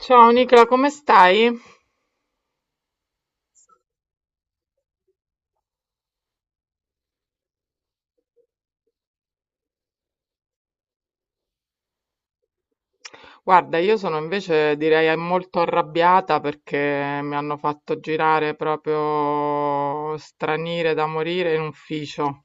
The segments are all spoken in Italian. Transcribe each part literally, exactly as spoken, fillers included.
Ciao Nicola, come stai? Guarda, io sono invece direi molto arrabbiata perché mi hanno fatto girare proprio stranire da morire in ufficio.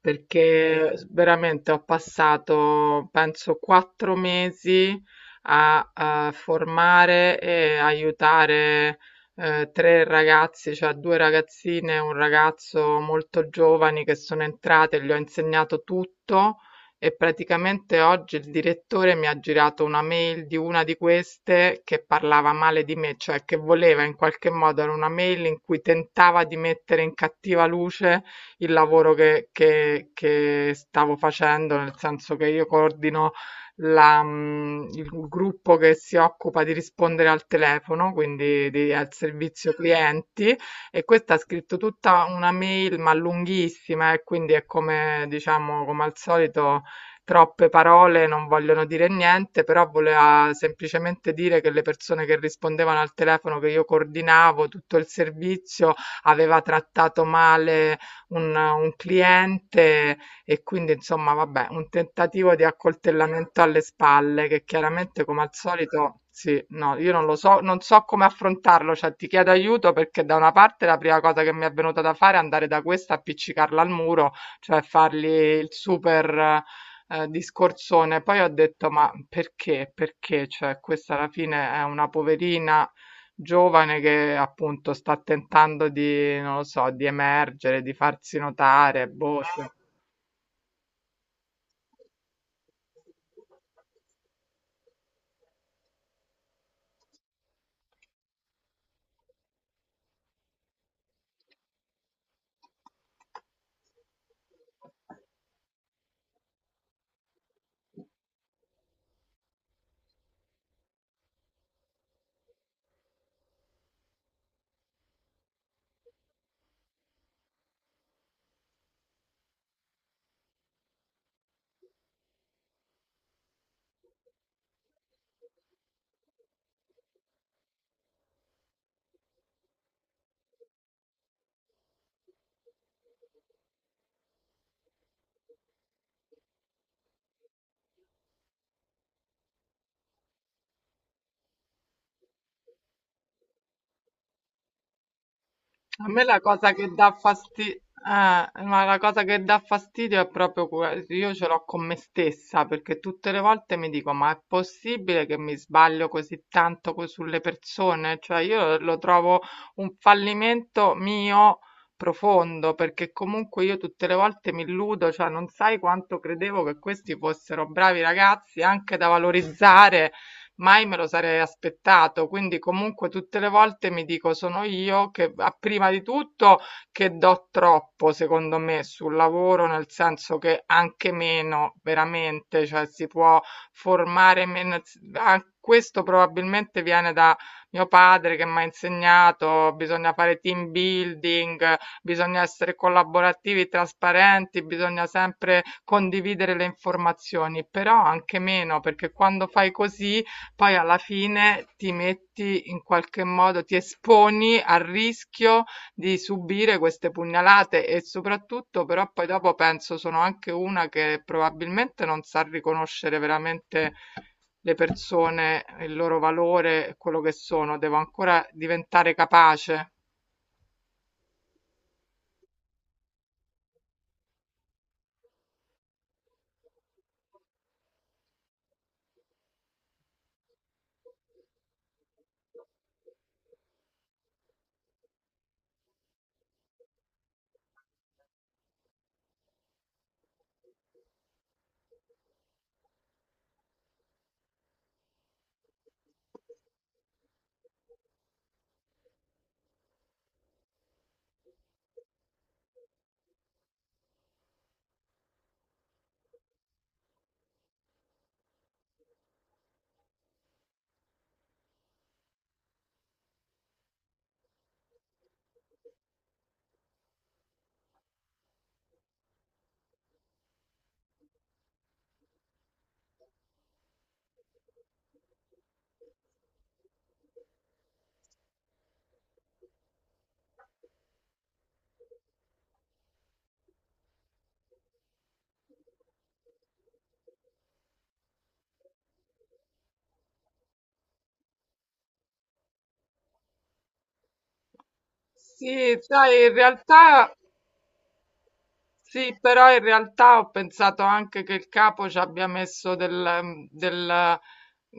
Perché veramente ho passato, penso, quattro mesi a, eh, formare e aiutare, eh, tre ragazzi, cioè due ragazzine e un ragazzo molto giovani che sono entrate, gli ho insegnato tutto e praticamente oggi il direttore mi ha girato una mail di una di queste che parlava male di me, cioè che voleva in qualche modo, era una mail in cui tentava di mettere in cattiva luce il lavoro che, che- che stavo facendo, nel senso che io coordino la, mm, il gruppo che si occupa di rispondere al telefono, quindi di- al servizio clienti, e questa ha scritto tutta una mail ma lunghissima e quindi è come diciamo come al solito. Troppe parole non vogliono dire niente, però voleva semplicemente dire che le persone che rispondevano al telefono che io coordinavo, tutto il servizio, aveva trattato male un, un cliente e quindi insomma, vabbè, un tentativo di accoltellamento alle spalle che chiaramente come al solito sì, no, io non lo so, non so come affrontarlo, cioè ti chiedo aiuto perché da una parte la prima cosa che mi è venuta da fare è andare da questa, appiccicarla al muro, cioè fargli il super eh, eh, discorsone. Poi ho detto, ma perché? Perché? Cioè, questa alla fine è una poverina giovane che appunto sta tentando di, non lo so, di emergere, di farsi notare, boh, cioè. A me la cosa che dà fastidio, ma la cosa che dà fastidio è proprio que- io ce l'ho con me stessa, perché tutte le volte mi dico, ma è possibile che mi sbaglio così tanto co- sulle persone? Cioè io lo, lo trovo un fallimento mio profondo, perché comunque io tutte le volte mi illudo, cioè non sai quanto credevo che questi fossero bravi ragazzi anche da valorizzare. Mai me lo sarei aspettato. Quindi comunque tutte le volte mi dico sono io che a- prima di tutto che do troppo, secondo me, sul lavoro, nel senso che anche meno, veramente, cioè si può formare meno. a- Questo probabilmente viene da mio padre che mi ha insegnato, bisogna fare team building, bisogna essere collaborativi, trasparenti, bisogna sempre condividere le informazioni, però anche meno, perché quando fai così poi alla fine ti metti in qualche modo, ti esponi al rischio di subire queste pugnalate e soprattutto però poi dopo penso sono anche una che probabilmente non sa riconoscere veramente le persone, il loro valore, e quello che sono, devo ancora diventare capace. Sì, sai, in realtà. Sì, però in realtà ho pensato anche che il capo ci abbia messo del, mm, del-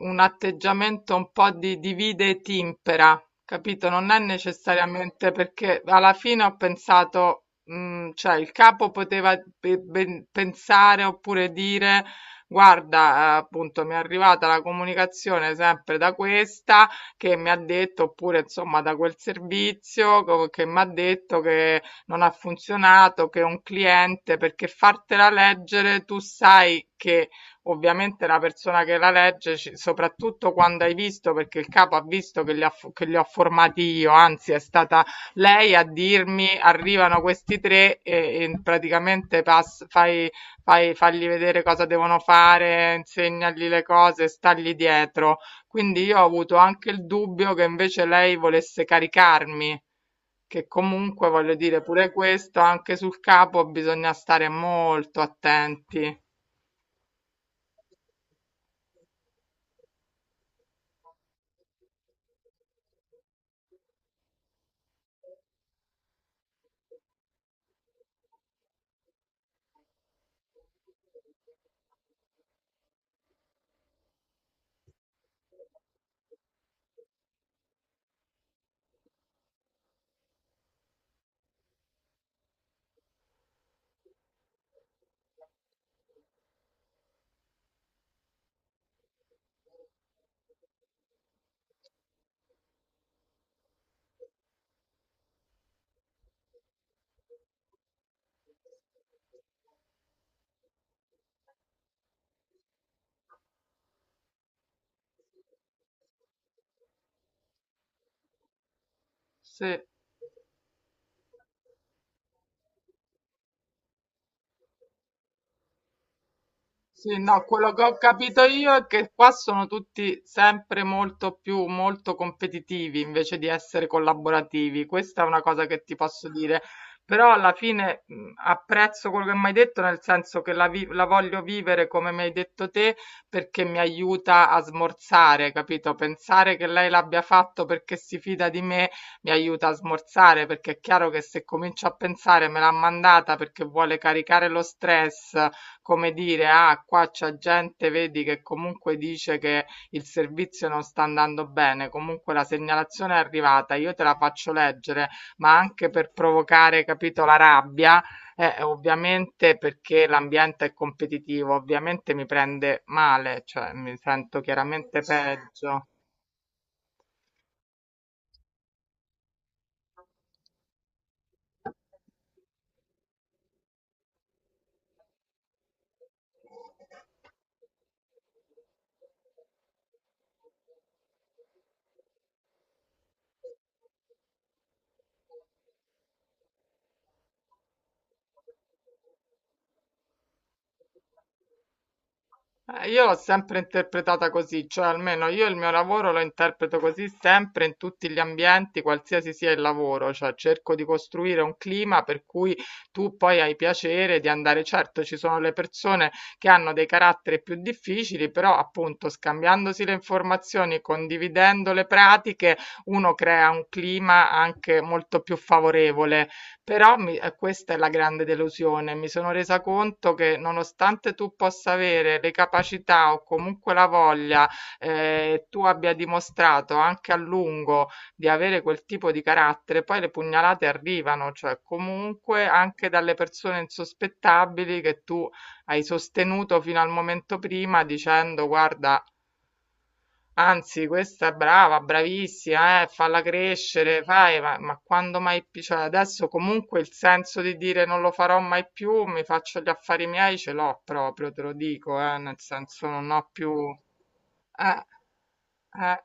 mm, un atteggiamento un po' di divide e timpera, capito? Non è necessariamente perché alla fine ho pensato, mh, cioè il capo poteva pe- ben- pensare oppure dire, guarda, eh, appunto mi è arrivata la comunicazione sempre da questa che mi ha detto, oppure insomma da quel servizio co- che mi ha detto che non ha funzionato, che un cliente, perché fartela leggere tu sai che ovviamente la persona che la legge, ci- soprattutto quando hai visto, perché il capo ha visto che li, ha fo- che li ho formati io, anzi è stata lei a dirmi arrivano questi tre e, e praticamente pass- fai, fai, fagli vedere cosa devono fare, insegnagli le cose, stagli dietro. Quindi io ho avuto anche il dubbio che invece lei volesse caricarmi. Che comunque voglio dire pure questo, anche sul capo bisogna stare molto attenti. Sì. Sì, no, quello che ho capito io è che qua sono tutti sempre molto più, molto competitivi invece di essere collaborativi. Questa è una cosa che ti posso dire. Però alla fine mh, apprezzo quello che mi hai detto, nel senso che la, vi- la voglio vivere come mi hai detto te, perché mi aiuta a smorzare, capito? Pensare che lei l'abbia fatto perché si fida di me mi aiuta a smorzare, perché è chiaro che se comincio a pensare me l'ha mandata perché vuole caricare lo stress come dire, ah, qua c'è gente, vedi che comunque dice che il servizio non sta andando bene, comunque la segnalazione è arrivata, io te la faccio leggere, ma anche per provocare, capito, la rabbia, eh, ovviamente perché l'ambiente è competitivo, ovviamente mi prende male, cioè mi sento chiaramente peggio. Eh, Io l'ho sempre interpretata così, cioè almeno io il mio lavoro lo interpreto così sempre in tutti gli ambienti, qualsiasi sia il lavoro, cioè cerco di costruire un clima per cui tu poi hai piacere di andare. Certo, ci sono le persone che hanno dei caratteri più difficili, però appunto scambiandosi le informazioni, condividendo le pratiche, uno crea un clima anche molto più favorevole. Però mi- eh, questa è la grande delusione. Mi sono resa conto che nonostante tu possa avere le capacità o comunque la voglia, eh, tu abbia dimostrato anche a lungo di avere quel tipo di carattere, poi le pugnalate arrivano, cioè comunque anche dalle persone insospettabili che tu hai sostenuto fino al momento prima dicendo guarda, anzi, questa è brava, bravissima, eh, falla crescere, fai, ma, ma quando mai più, cioè adesso comunque il senso di dire non lo farò mai più, mi faccio gli affari miei, ce l'ho proprio, te lo dico, eh, nel senso non ho più. Eh, eh.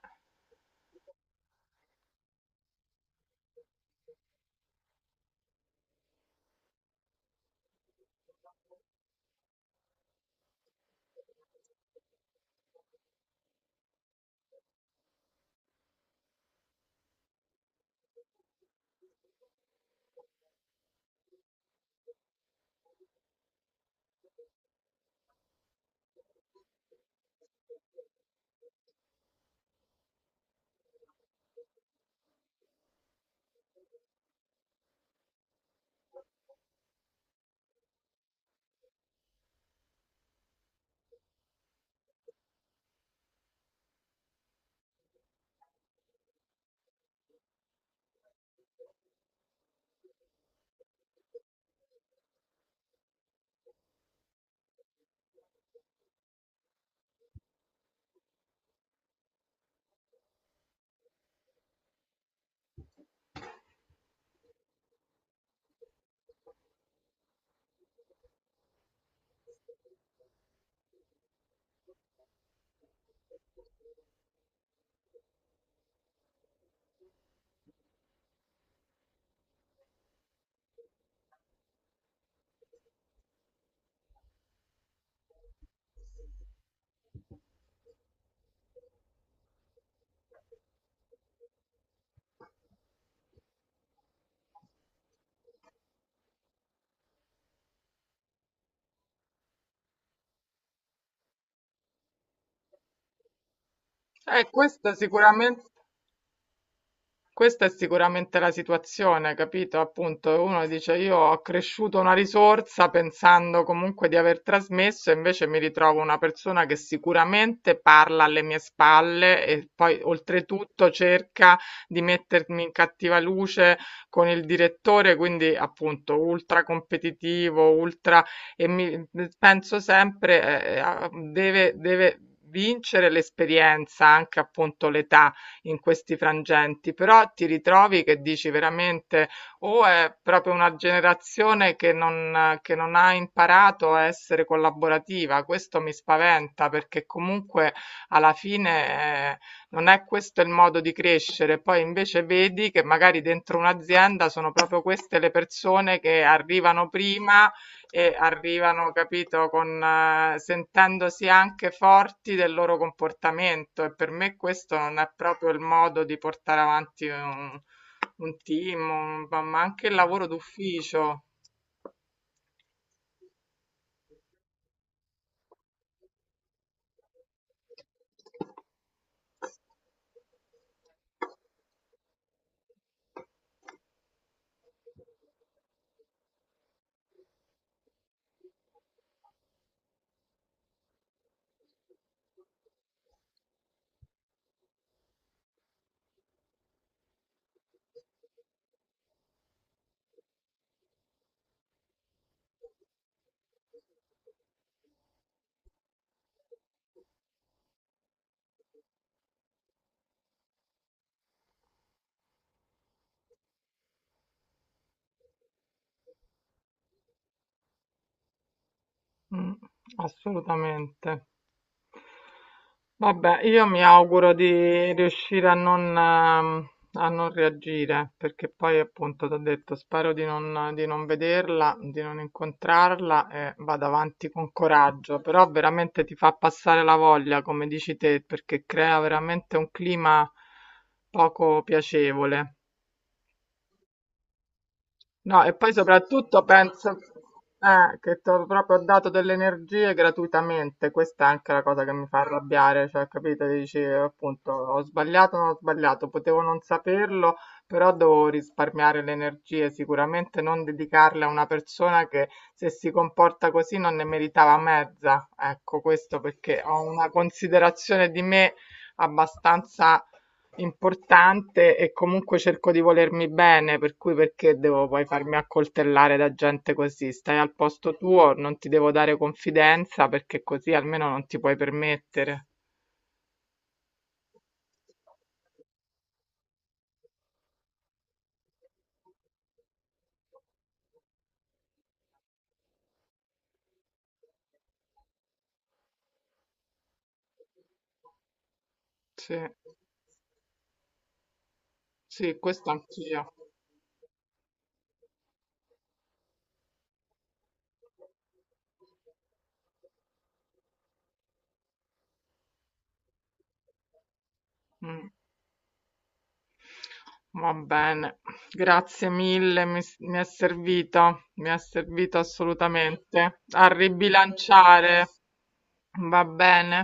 Eh, questa sicuramente... Questa è sicuramente la situazione, capito? Appunto, uno dice io ho accresciuto una risorsa pensando comunque di aver trasmesso e invece mi ritrovo una persona che sicuramente parla alle mie spalle e poi oltretutto cerca di mettermi in cattiva luce con il direttore, quindi appunto ultra competitivo, ultra e mi penso sempre eh, eh, a- deve deve vincere l'esperienza, anche appunto l'età in questi frangenti, però ti ritrovi che dici veramente o è proprio una generazione che non, che non ha imparato a essere collaborativa, questo mi spaventa perché comunque alla fine eh, non è questo il modo di crescere, poi invece vedi che magari dentro un'azienda sono proprio queste le persone che arrivano prima e arrivano, capito, con, eh, sentendosi anche forti del loro comportamento e per me questo non è proprio il modo di portare avanti un, un team, un- ma ma anche il lavoro d'ufficio. Mm, assolutamente. Vabbè, io mi auguro di riuscire a non, ehm, a non reagire, perché poi appunto ti ho detto, spero di non, di non vederla, di non incontrarla e vado avanti con coraggio, però veramente ti fa passare la voglia, come dici te, perché crea veramente un clima poco piacevole. No, e poi soprattutto penso eh, che ti ho proprio dato delle energie gratuitamente, questa è anche la cosa che mi fa arrabbiare, cioè capito, dici eh, appunto ho sbagliato, non ho sbagliato, potevo non saperlo, però devo risparmiare le energie, sicuramente non dedicarle a una persona che se si comporta così non ne meritava mezza, ecco questo perché ho una considerazione di me abbastanza importante e comunque cerco di volermi bene, per cui perché devo poi farmi accoltellare da gente così? Stai al posto tuo, non ti devo dare confidenza perché così almeno non ti puoi permettere. Sì, sì, questo anch'io. Mm. Va bene, grazie mille, mi, s- mi è servito, mi è servito assolutamente a ribilanciare. Va bene.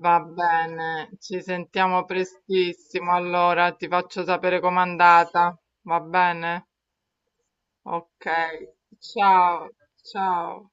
Va bene, ci sentiamo prestissimo. Allora ti faccio sapere com'è andata. Va bene? Ok. Ciao, ciao.